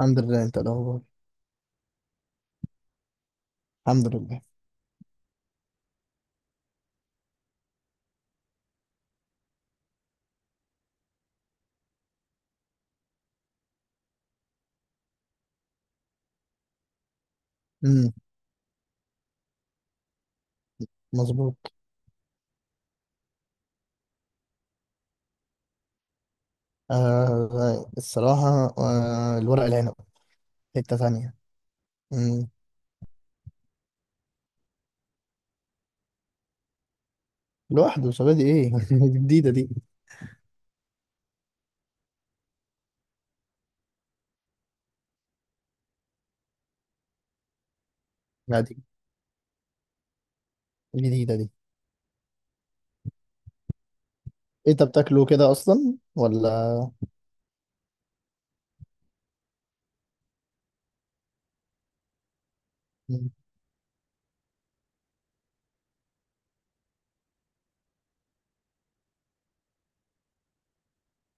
الحمد لله. انت إيه الاخبار؟ الحمد لله. امم. مظبوط. آه الصراحه، الورق العنب. حته ثانيه. امم. لوحده، شبابي ايه جديده دي. لا، دي جديده دي. إيه، انت بتاكله كده اصلا ولا؟ مم.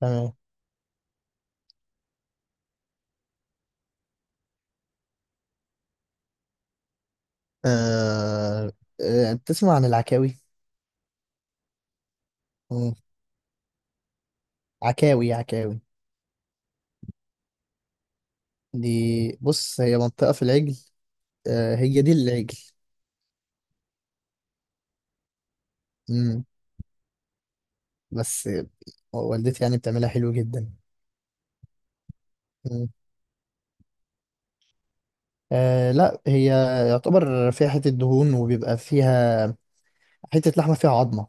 تمام. آه آه، بتسمع عن العكاوي؟ مم. عكاوي عكاوي دي. بص، هي منطقه في العجل. آه هي دي العجل. امم. بس والدتي يعني بتعملها حلو جدا. آه لا، هي يعتبر فيها حتة دهون وبيبقى فيها حتة لحمة فيها عظمة.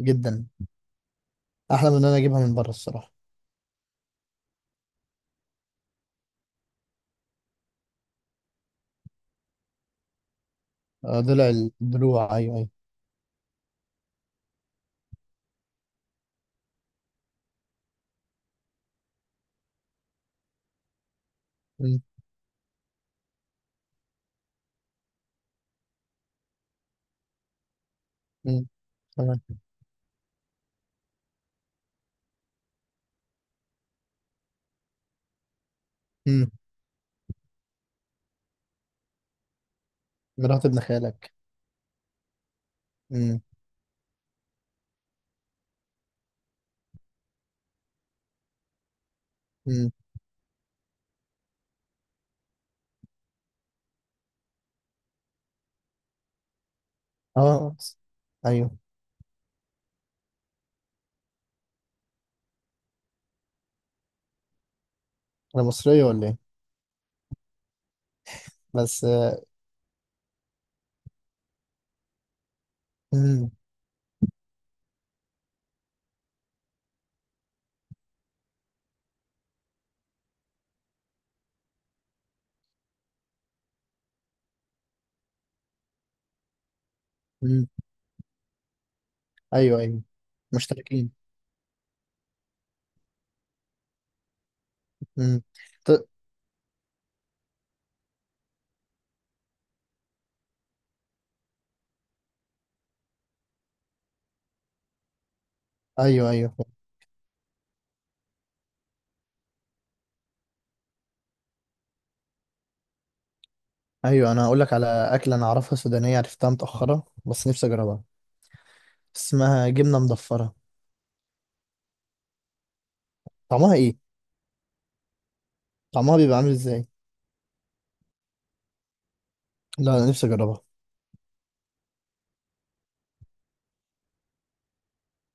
جدا. أحلى من إن أنا أجيبها من بره الصراحة. آه ضلع. الضلوع، أيوه أيوه. مم. مم. تمام. مم. مرات ابن خالك. مم. مم. أه. أيوه. أنا مصرية ولا إيه؟ بس. مم. مم. أيوه أيوه. مشتركين. مم. ط- أيوه أيوه. أيوه، أنا هقول لك على أكلة أنا أعرفها سودانية، عرفتها متأخرة بس نفسي أجربها. اسمها جبنة مضفرة. طعمها إيه؟ طعمها بيبقى عامل ازاي؟ لا، انا نفسي اجربها.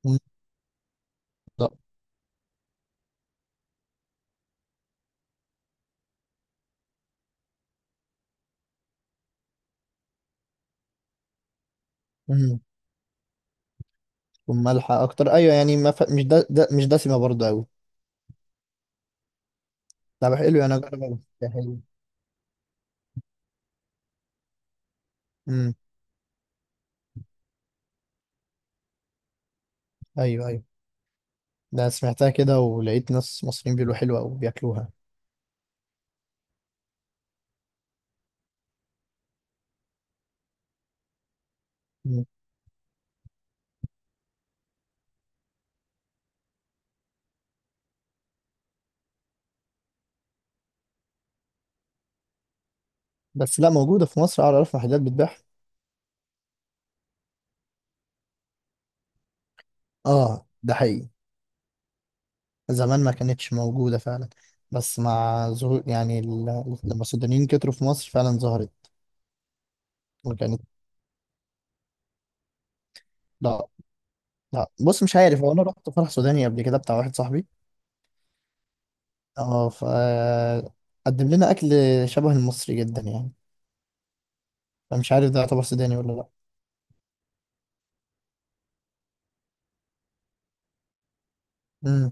مم. لا. مم. تكون مالحه اكتر، ايوه يعني ما ف... مش ده, ده مش دسمه برضه قوي. طب حلو، يعني اجربها، ده حلو. امم. ايوه ايوه. ده سمعتها كده ولقيت ناس مصريين بيقولوا حلوه وبياكلوها. مم. بس لا، موجوده في مصر، اعرف محلات بتبيعها. اه، ده حقيقي. زمان ما كانتش موجوده فعلا. بس مع ظهور يعني لما السودانيين كتروا في مصر فعلا ظهرت. وكانت. لا. لا، بص مش عارف، هو انا رحت فرح سوداني قبل كده بتاع واحد صاحبي. اه، قدم لنا اكل شبه المصري جدا يعني. فمش عارف ده يعتبر سوداني ولا لا. امم.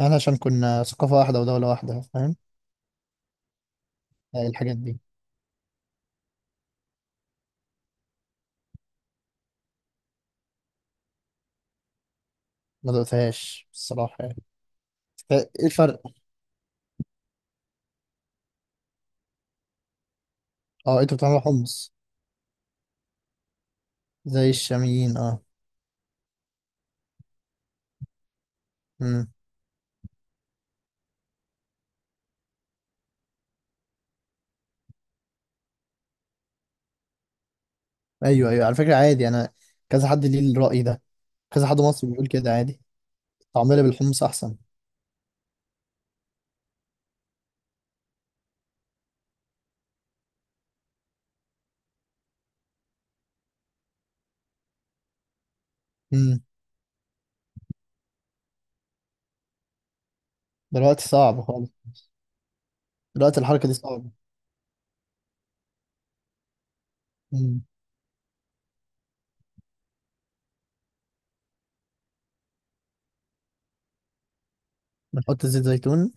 احنا عشان كنا ثقافه واحده ودوله واحده، فاهم. آه، الحاجات دي. ما دقتهاش الصراحه يعني. ايه الفرق؟ اه، انتوا بتعملوا حمص زي الشاميين اه. امم. ايوه ايوه، على فكره عادي انا. كذا حد ليه الراي ده. كذا حد مصري بيقول كده عادي. طعمنا بالحمص احسن. امم. دلوقتي صعب خالص. دلوقتي الحركه دي صعبه. امم. بنحط زيت زيتون.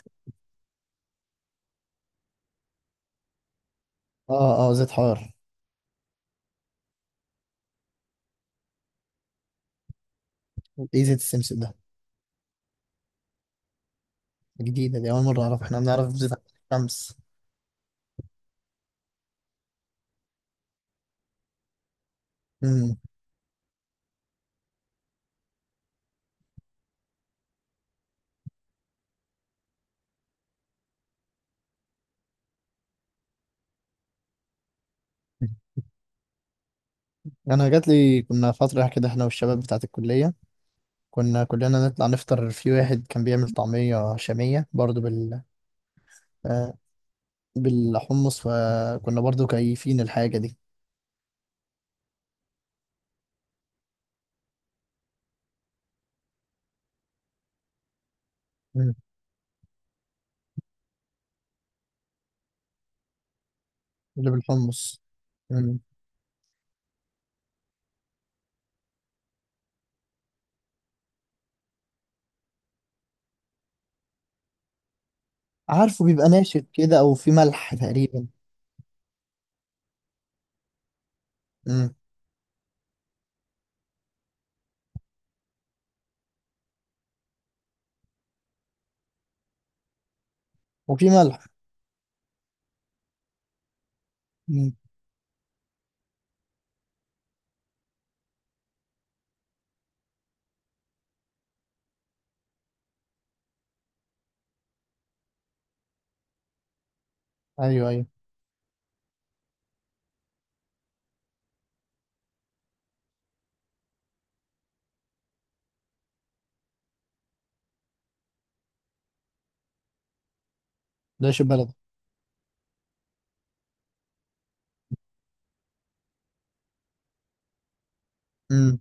اه اه، زيت حار. ايه زيت السمسم ده؟ جديدة دي، أول مرة أعرف. إحنا بنعرف بزيت الشمس. أمم. أنا جات لي كنا فترة كده إحنا والشباب بتاعة الكلية، كنا كلنا نطلع نفطر في واحد كان بيعمل طعمية شامية برضو آه، بالحمص، فكنا برضو كيفين الحاجة دي. أمم. اللي بالحمص. أمم. عارفه بيبقى ناشف كده أو في ملح تقريبا. أمم. وفي ملح. أمم. أيوه أيوه. ناشف بلدي. أمم.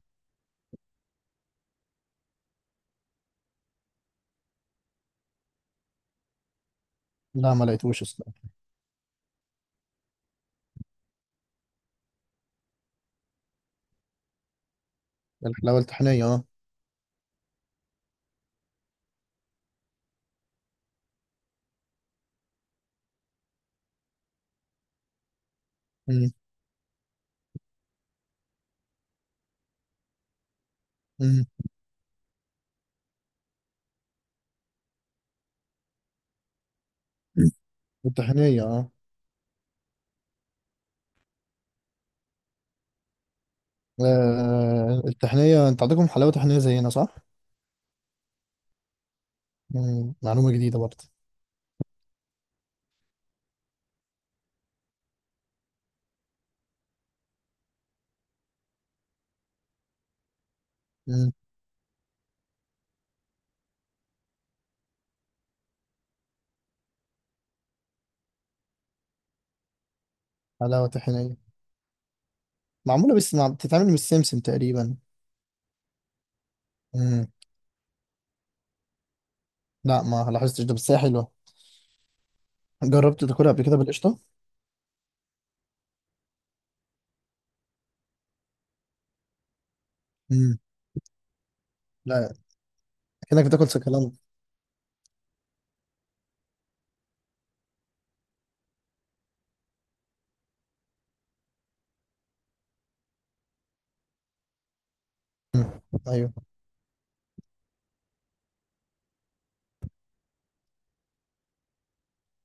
لا، ما لقيتوش أصلا. الحلاوة الطحينية أه. أمم. أمم. الطحينية اه. آه التحنية، انت عندكم حلاوة تحنية زينا صح؟ مم. معلومة جديدة برضه. مم. حلاوة تحنية معمولة، بس بتتعمل من السمسم تقريبا. مم. لا، ما لاحظتش ده، بس هي حلوة. جربت تاكلها قبل كده بالقشطة؟ مم. لا. كأنك بتاكل سكالانت. ايوه.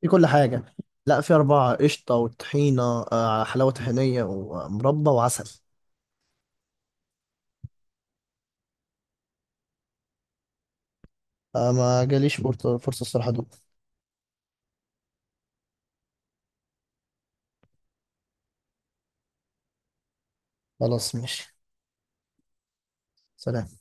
في كل حاجة. لا، في أربعة: قشطة وطحينة. آه حلاوة طحينية ومربى وعسل. آه، ما جاليش فرصة، فرصة الصراحة دوق. خلاص ماشي. سلام.